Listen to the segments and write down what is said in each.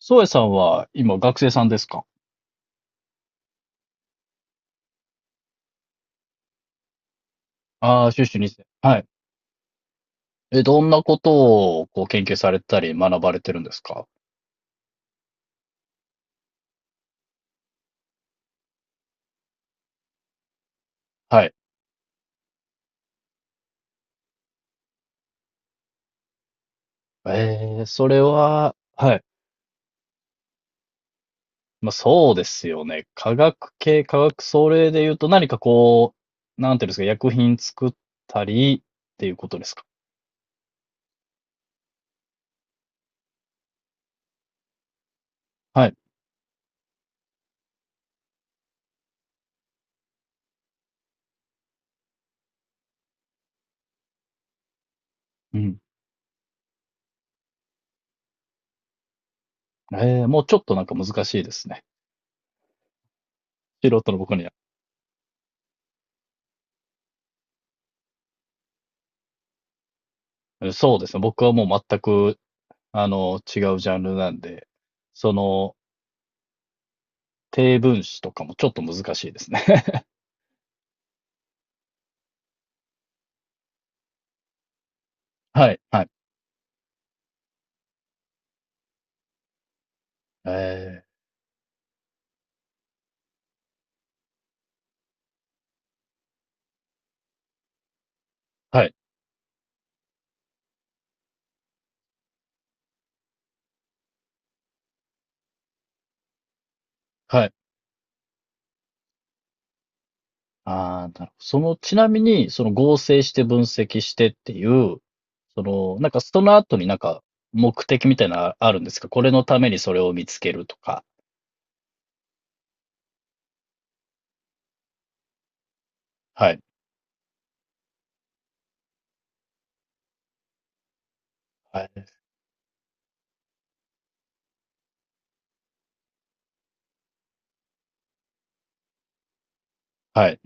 宗谷さんは今学生さんですか？ああー、修士2世。はい。え、どんなことを研究されたり学ばれてるんですか？はい。えー、それは、はい。まあ、そうですよね。科学系、科学、それで言うと何かこう、なんていうんですか、薬品作ったりっていうことですか？はい。うん。えー、もうちょっとなんか難しいですね。素人の僕には。え、そうですね。僕はもう全く、違うジャンルなんで、その、低分子とかもちょっと難しいですね。はい、はい。えーはい、はい。ああ、なるほど。その、ちなみに、その合成して分析してっていう、その、なんかその後になんか目的みたいなのあるんですか？これのためにそれを見つけるとか。はい、はい、はい、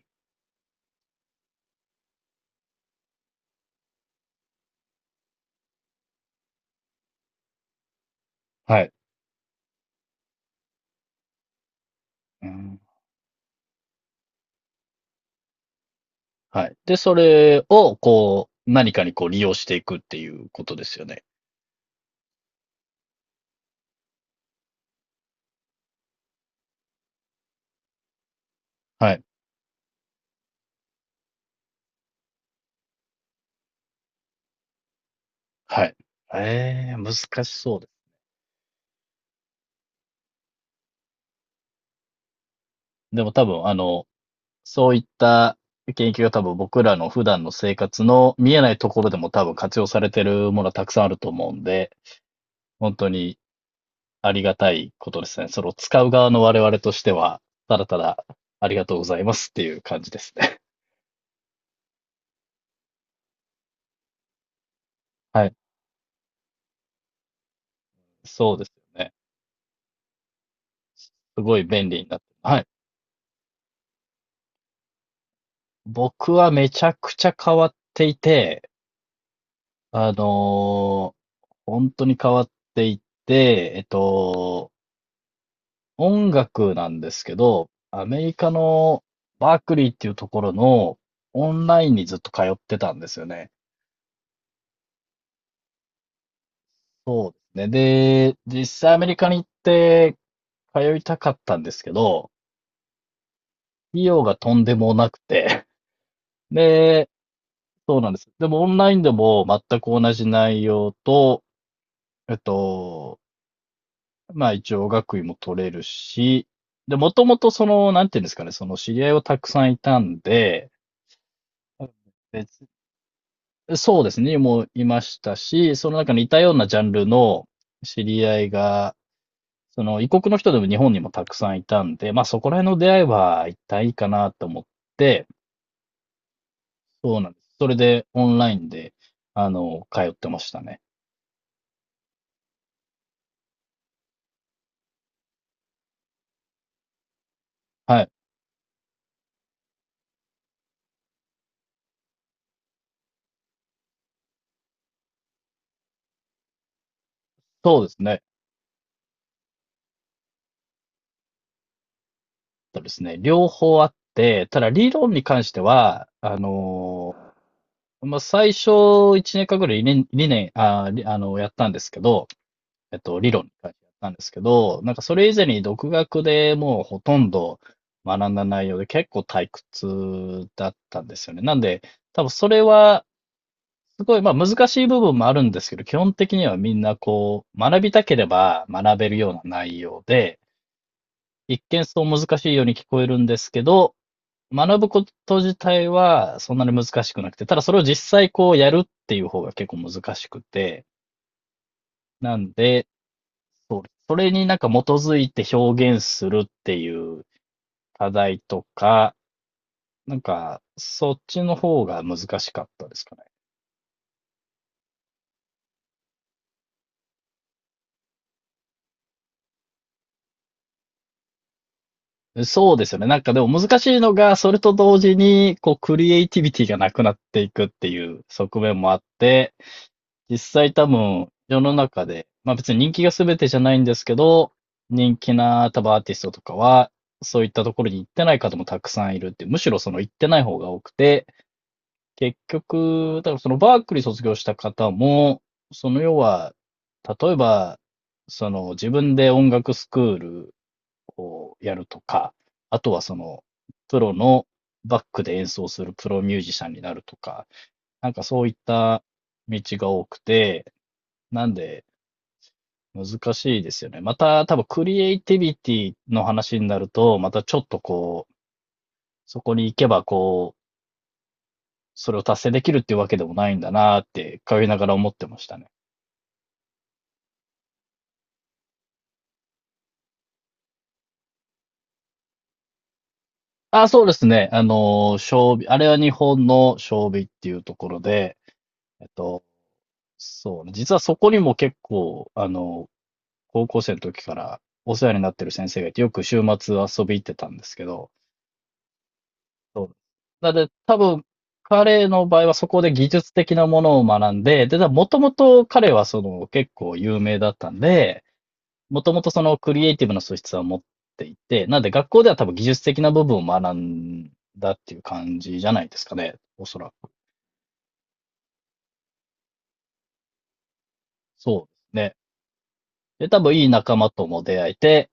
はい。うん、はい。で、それを、こう、何かにこう利用していくっていうことですよね。はい、はい。ええ、難しそうです。でも多分、そういった研究が多分僕らの普段の生活の見えないところでも多分活用されてるものはたくさんあると思うんで、本当にありがたいことですね。それを使う側の我々としては、ただただありがとうございますっていう感じですね。はい。そうですよね。すごい便利になって。はい。僕はめちゃくちゃ変わっていて、あのー本当に変わっていて、音楽なんですけど、アメリカのバークリーっていうところのオンラインにずっと通ってたんですよね。で、実際アメリカに行って通いたかったんですけど、費用がとんでもなくて、で、そうなんです。でもオンラインでも全く同じ内容と、えっと、まあ一応学位も取れるし、で、もともとその、なんていうんですかね、その知り合いをたくさんいたんで、別そうですね、もういましたし、その中に似たようなジャンルの知り合いが、その異国の人でも日本にもたくさんいたんで、まあそこら辺の出会いは一体いいかなと思って、そうなんです。それでオンラインで、通ってましたね。はい。そうですね。そうですね。両方あって、ただ理論に関しては、まあ最初1年間ぐらい理念、理念、あ、りあの、やったんですけど、理論に書いてあったんですけど、なんかそれ以前に独学でもうほとんど学んだ内容で結構退屈だったんですよね。なんで、多分それはすごい、まあ難しい部分もあるんですけど、基本的にはみんなこう、学びたければ学べるような内容で、一見そう難しいように聞こえるんですけど、学ぶこと自体はそんなに難しくなくて、ただそれを実際こうやるっていう方が結構難しくて、なんで、そうです。それになんか基づいて表現するっていう課題とか、なんか、そっちの方が難しかったですかね。そうですよね。なんかでも難しいのが、それと同時に、こう、クリエイティビティがなくなっていくっていう側面もあって、実際多分、世の中で、まあ別に人気が全てじゃないんですけど、人気な多分アーティストとかは、そういったところに行ってない方もたくさんいるって、むしろその行ってない方が多くて、結局、だからそのバークリー卒業した方も、その要は、例えば、その自分で音楽スクールをやるとか、あとはその、プロのバックで演奏するプロミュージシャンになるとか、なんかそういった道が多くて、なんで難しいですよね。また多分クリエイティビティの話になると、またちょっとこう、そこに行けばこう、それを達成できるっていうわけでもないんだなって、通いながら思ってましたね。あ、そうですね。将棋、あれは日本の将棋っていうところで、えっと、そうね、実はそこにも結構、高校生の時からお世話になってる先生がいて、よく週末遊び行ってたんですけど、そうなので、多分、彼の場合はそこで技術的なものを学んで、で、もともと彼はその結構有名だったんで、もともとそのクリエイティブの素質は持っていて、なんで学校では多分技術的な部分を学んだっていう感じじゃないですかね。おそらく。そうですね。で、多分いい仲間とも出会えて、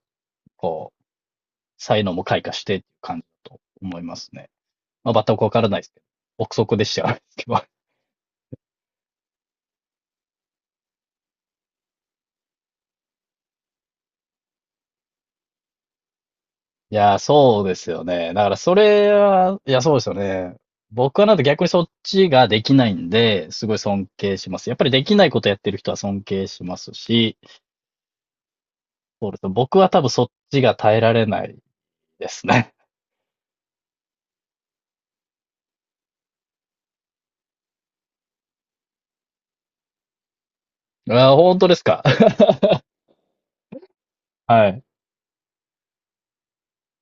こう、才能も開花してっていう感じだと思いますね。まあ、全くわからないですけど。憶測でしちゃうんですけど。いやー、そうですよね。だからそれは、いや、そうですよね。僕はなんで逆にそっちができないんで、すごい尊敬します。やっぱりできないことやってる人は尊敬しますし、そうですね。僕は多分そっちが耐えられないですね。あー、本当ですか？はい。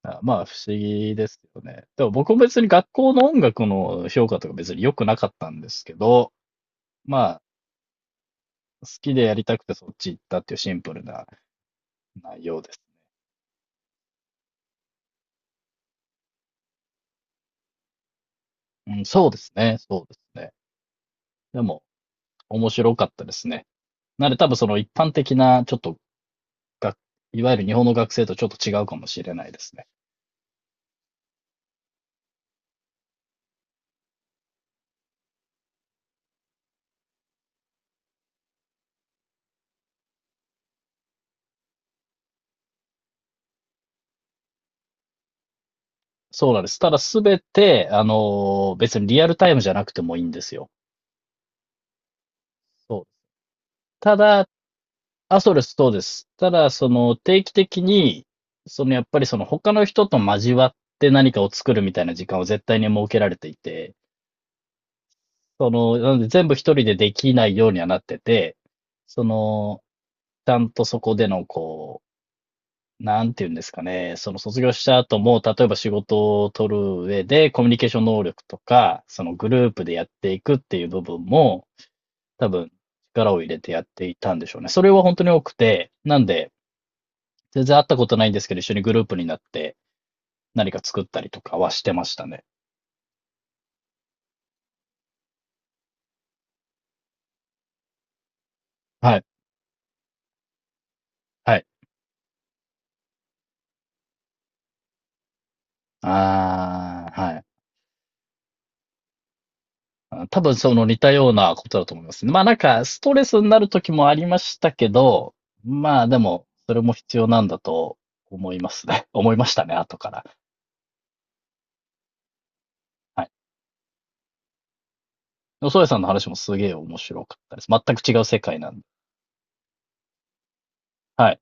あ、まあ、不思議ですよね。でも僕も別に学校の音楽の評価とか別に良くなかったんですけど、まあ、好きでやりたくてそっち行ったっていうシンプルな内容です。うん、そうですね、そうですね。でも、面白かったですね。なので多分その一般的な、ちょっとがいわゆる日本の学生とちょっと違うかもしれないですね。そうなんです。ただすべて、別にリアルタイムじゃなくてもいいんですよ。そう。ただ、あ、そうです、そうです。ただ、その、定期的に、その、やっぱりその、他の人と交わって何かを作るみたいな時間を絶対に設けられていて、その、なので全部一人でできないようにはなってて、その、ちゃんとそこでの、こう、なんて言うんですかね、その卒業した後も、例えば仕事を取る上で、コミュニケーション能力とか、そのグループでやっていくっていう部分も、多分、力を入れてやっていたんでしょうね。それは本当に多くて、なんで、全然会ったことないんですけど、一緒にグループになって何か作ったりとかはしてましたね。はい。はい。ああ、はい。あ、多分その似たようなことだと思いますね。まあなんかストレスになる時もありましたけど、まあでも、それも必要なんだと思いますね。思いましたね、後から。はい。でそソさんの話もすげえ面白かったです。全く違う世界なんで。はい。